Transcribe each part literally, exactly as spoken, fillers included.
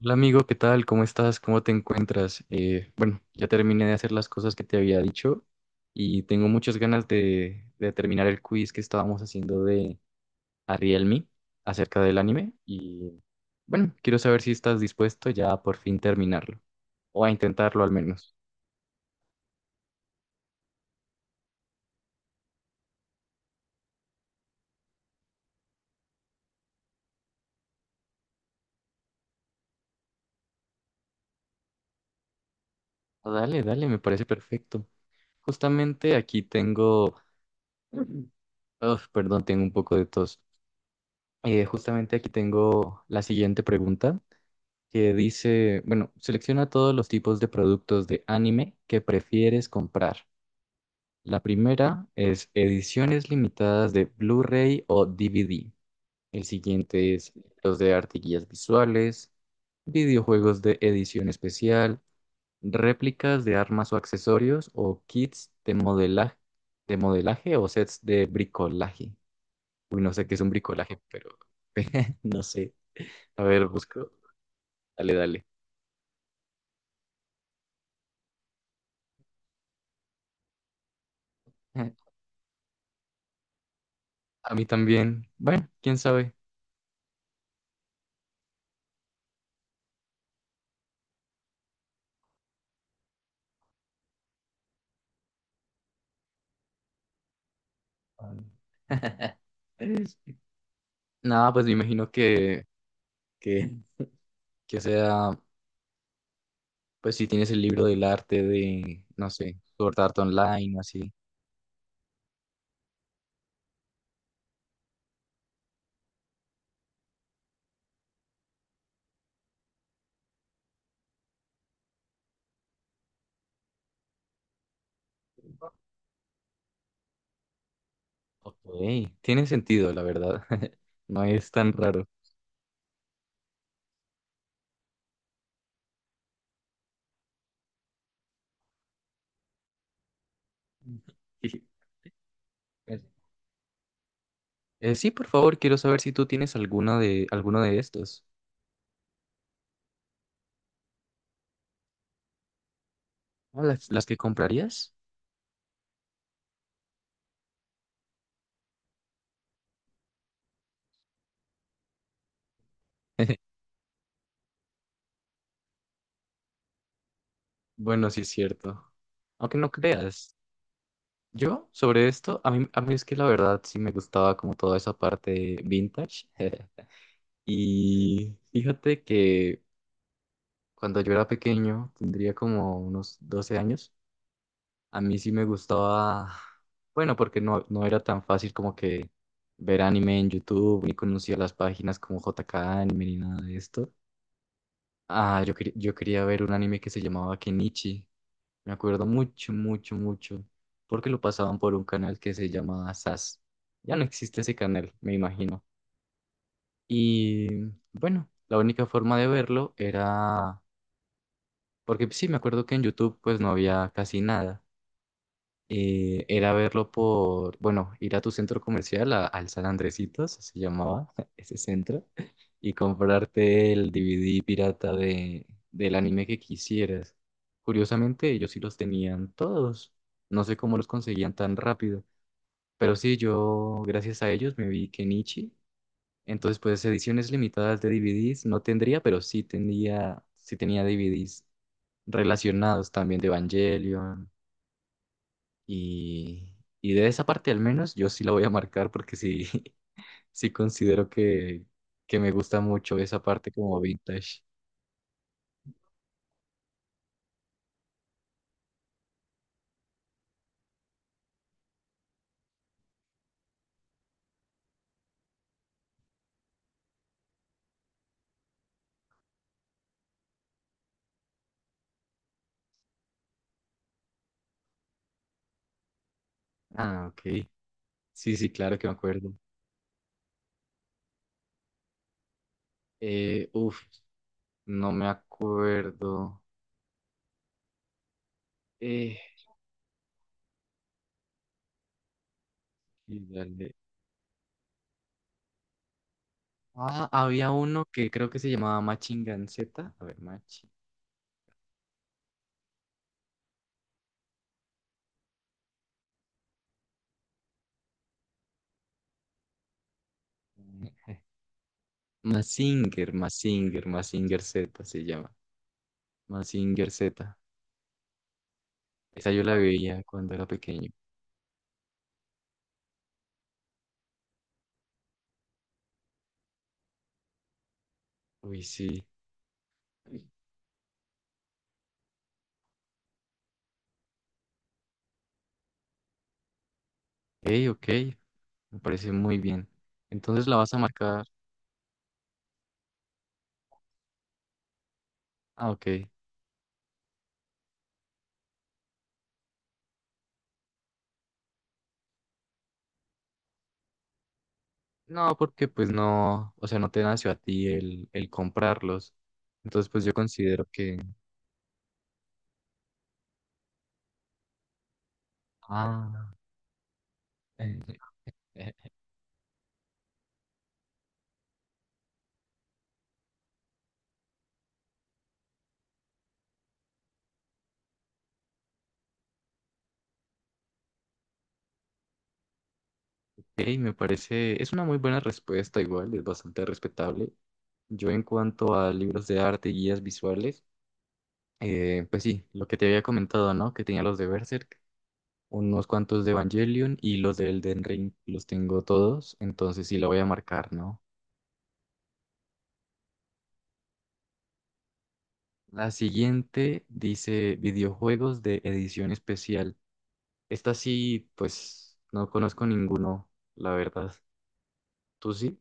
Hola amigo, ¿qué tal? ¿Cómo estás? ¿Cómo te encuentras? Eh, bueno, ya terminé de hacer las cosas que te había dicho y tengo muchas ganas de, de terminar el quiz que estábamos haciendo de Ariel Me acerca del anime y bueno, quiero saber si estás dispuesto ya a por fin terminarlo o a intentarlo al menos. Ah, dale, dale, me parece perfecto. Justamente aquí tengo. Uf, perdón, tengo un poco de tos. Eh, justamente aquí tengo la siguiente pregunta, que dice, bueno, selecciona todos los tipos de productos de anime que prefieres comprar. La primera es ediciones limitadas de Blu-ray o D V D. El siguiente es los de arte y guías visuales, videojuegos de edición especial, réplicas de armas o accesorios o kits de modelaje, de modelaje o sets de bricolaje. Uy, no sé qué es un bricolaje, pero no sé. A ver, busco. Dale, dale. A mí también. Bueno, quién sabe. Nada, pues me imagino que, que, que sea, pues si tienes el libro del arte de, no sé, Sword Art Online o así. Ok, tiene sentido, la verdad. No es tan raro. Sí. Eh, sí, por favor, quiero saber si tú tienes alguna de, alguno de estos. Ah, ¿las, las que comprarías? Bueno, sí es cierto. Aunque no creas. Yo, sobre esto, a mí, a mí es que la verdad sí me gustaba como toda esa parte vintage. Y fíjate que cuando yo era pequeño, tendría como unos doce años, a mí sí me gustaba, bueno, porque no, no era tan fácil como que ver anime en YouTube, ni conocía las páginas como J K Anime ni nada de esto. Ah, yo, quer- yo quería ver un anime que se llamaba Kenichi. Me acuerdo mucho, mucho, mucho, porque lo pasaban por un canal que se llama S A S. Ya no existe ese canal, me imagino. Y bueno, la única forma de verlo era. Porque sí, me acuerdo que en YouTube pues no había casi nada. Y era verlo por, bueno, ir a tu centro comercial, a- al San Andresitos, se llamaba ese centro, y comprarte el D V D pirata de, del anime que quisieras. Curiosamente, ellos sí los tenían todos. No sé cómo los conseguían tan rápido. Pero sí, yo, gracias a ellos, me vi Kenichi. Entonces, pues ediciones limitadas de D V Ds no tendría, pero sí tenía, sí tenía D V Ds relacionados también de Evangelion y, y de esa parte al menos yo sí la voy a marcar porque sí, sí considero que, que me gusta mucho esa parte como vintage. Ah, ok. Sí, sí, claro que me acuerdo. Eh, uf, no me acuerdo. Eh, y dale. Ah, había uno que creo que se llamaba Machingan Z. A ver, Machi. Mazinger, Mazinger, Mazinger Z se llama. Mazinger Z. Esa yo la veía cuando era pequeño. Uy, sí. Ey, ok, me parece muy bien. Entonces la vas a marcar. Ah, ok. No, porque pues no, o sea, no te nació a ti el, el comprarlos. Entonces, pues yo considero que. Ah, eh, eh, ey, me parece. Es una muy buena respuesta, igual, es bastante respetable. Yo, en cuanto a libros de arte y guías visuales, eh, pues sí, lo que te había comentado, ¿no? Que tenía los de Berserk. Unos cuantos de Evangelion y los de Elden Ring los tengo todos, entonces sí la voy a marcar, ¿no? La siguiente dice videojuegos de edición especial. Esta sí, pues no conozco ninguno, la verdad. ¿Tú sí?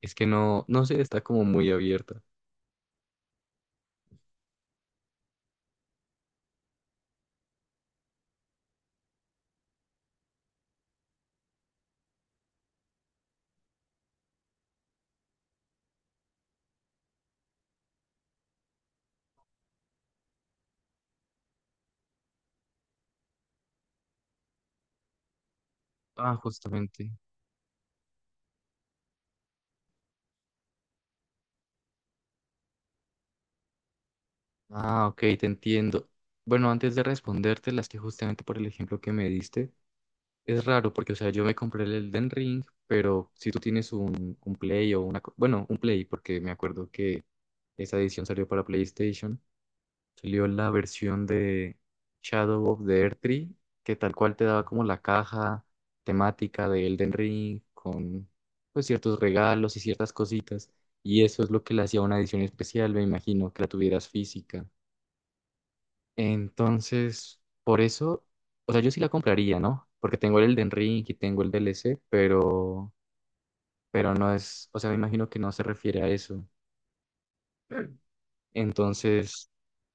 Es que no, no sé, está como muy abierta. Ah, justamente. Ah, ok, te entiendo. Bueno, antes de responderte, las que justamente por el ejemplo que me diste, es raro porque, o sea, yo me compré el Elden Ring, pero si tú tienes un, un Play o una... co- Bueno, un Play, porque me acuerdo que esa edición salió para PlayStation. Salió la versión de Shadow of the Earth Tree, que tal cual te daba como la caja temática de Elden Ring con, pues, ciertos regalos y ciertas cositas. Y eso es lo que le hacía una edición especial, me imagino, que la tuvieras física. Entonces, por eso, o sea, yo sí la compraría, ¿no? Porque tengo el Elden Ring y tengo el D L C, pero, pero no es, o sea, me imagino que no se refiere a eso. Entonces,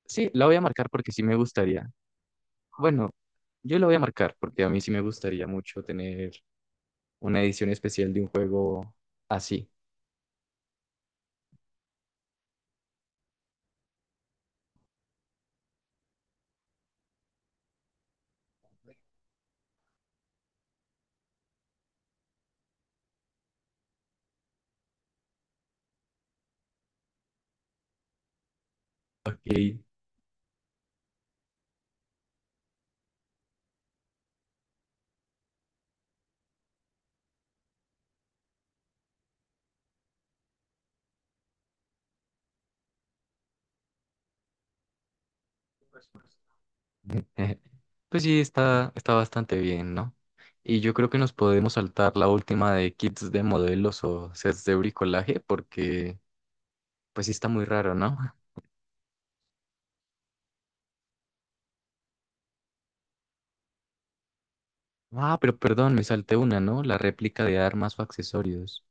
sí, la voy a marcar porque sí me gustaría. Bueno, yo la voy a marcar porque a mí sí me gustaría mucho tener una edición especial de un juego así. Ok. Pues sí, está, está bastante bien, ¿no? Y yo creo que nos podemos saltar la última de kits de modelos o sets de bricolaje porque pues sí está muy raro, ¿no? Ah, pero perdón, me salté una, ¿no? La réplica de armas o accesorios.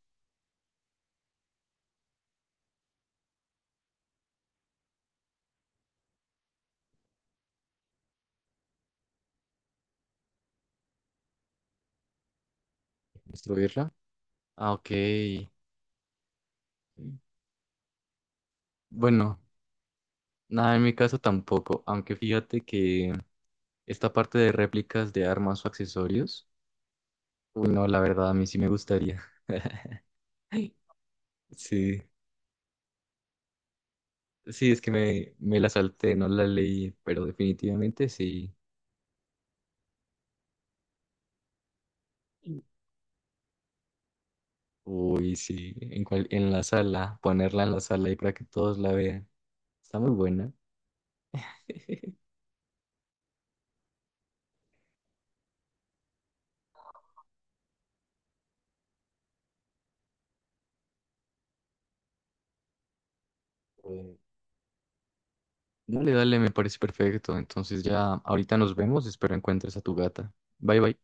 ¿Destruirla? Ah, ok. Bueno, nada, en mi caso tampoco, aunque fíjate que esta parte de réplicas de armas o accesorios, uy, no, la verdad, a mí sí me gustaría. Sí, sí, es que me, me la salté, no la leí, pero definitivamente sí. Uy, sí, en, cual- en la sala, ponerla en la sala ahí para que todos la vean. Está muy buena. Dale, dale, me parece perfecto. Entonces ya ahorita nos vemos. Espero encuentres a tu gata. Bye, bye.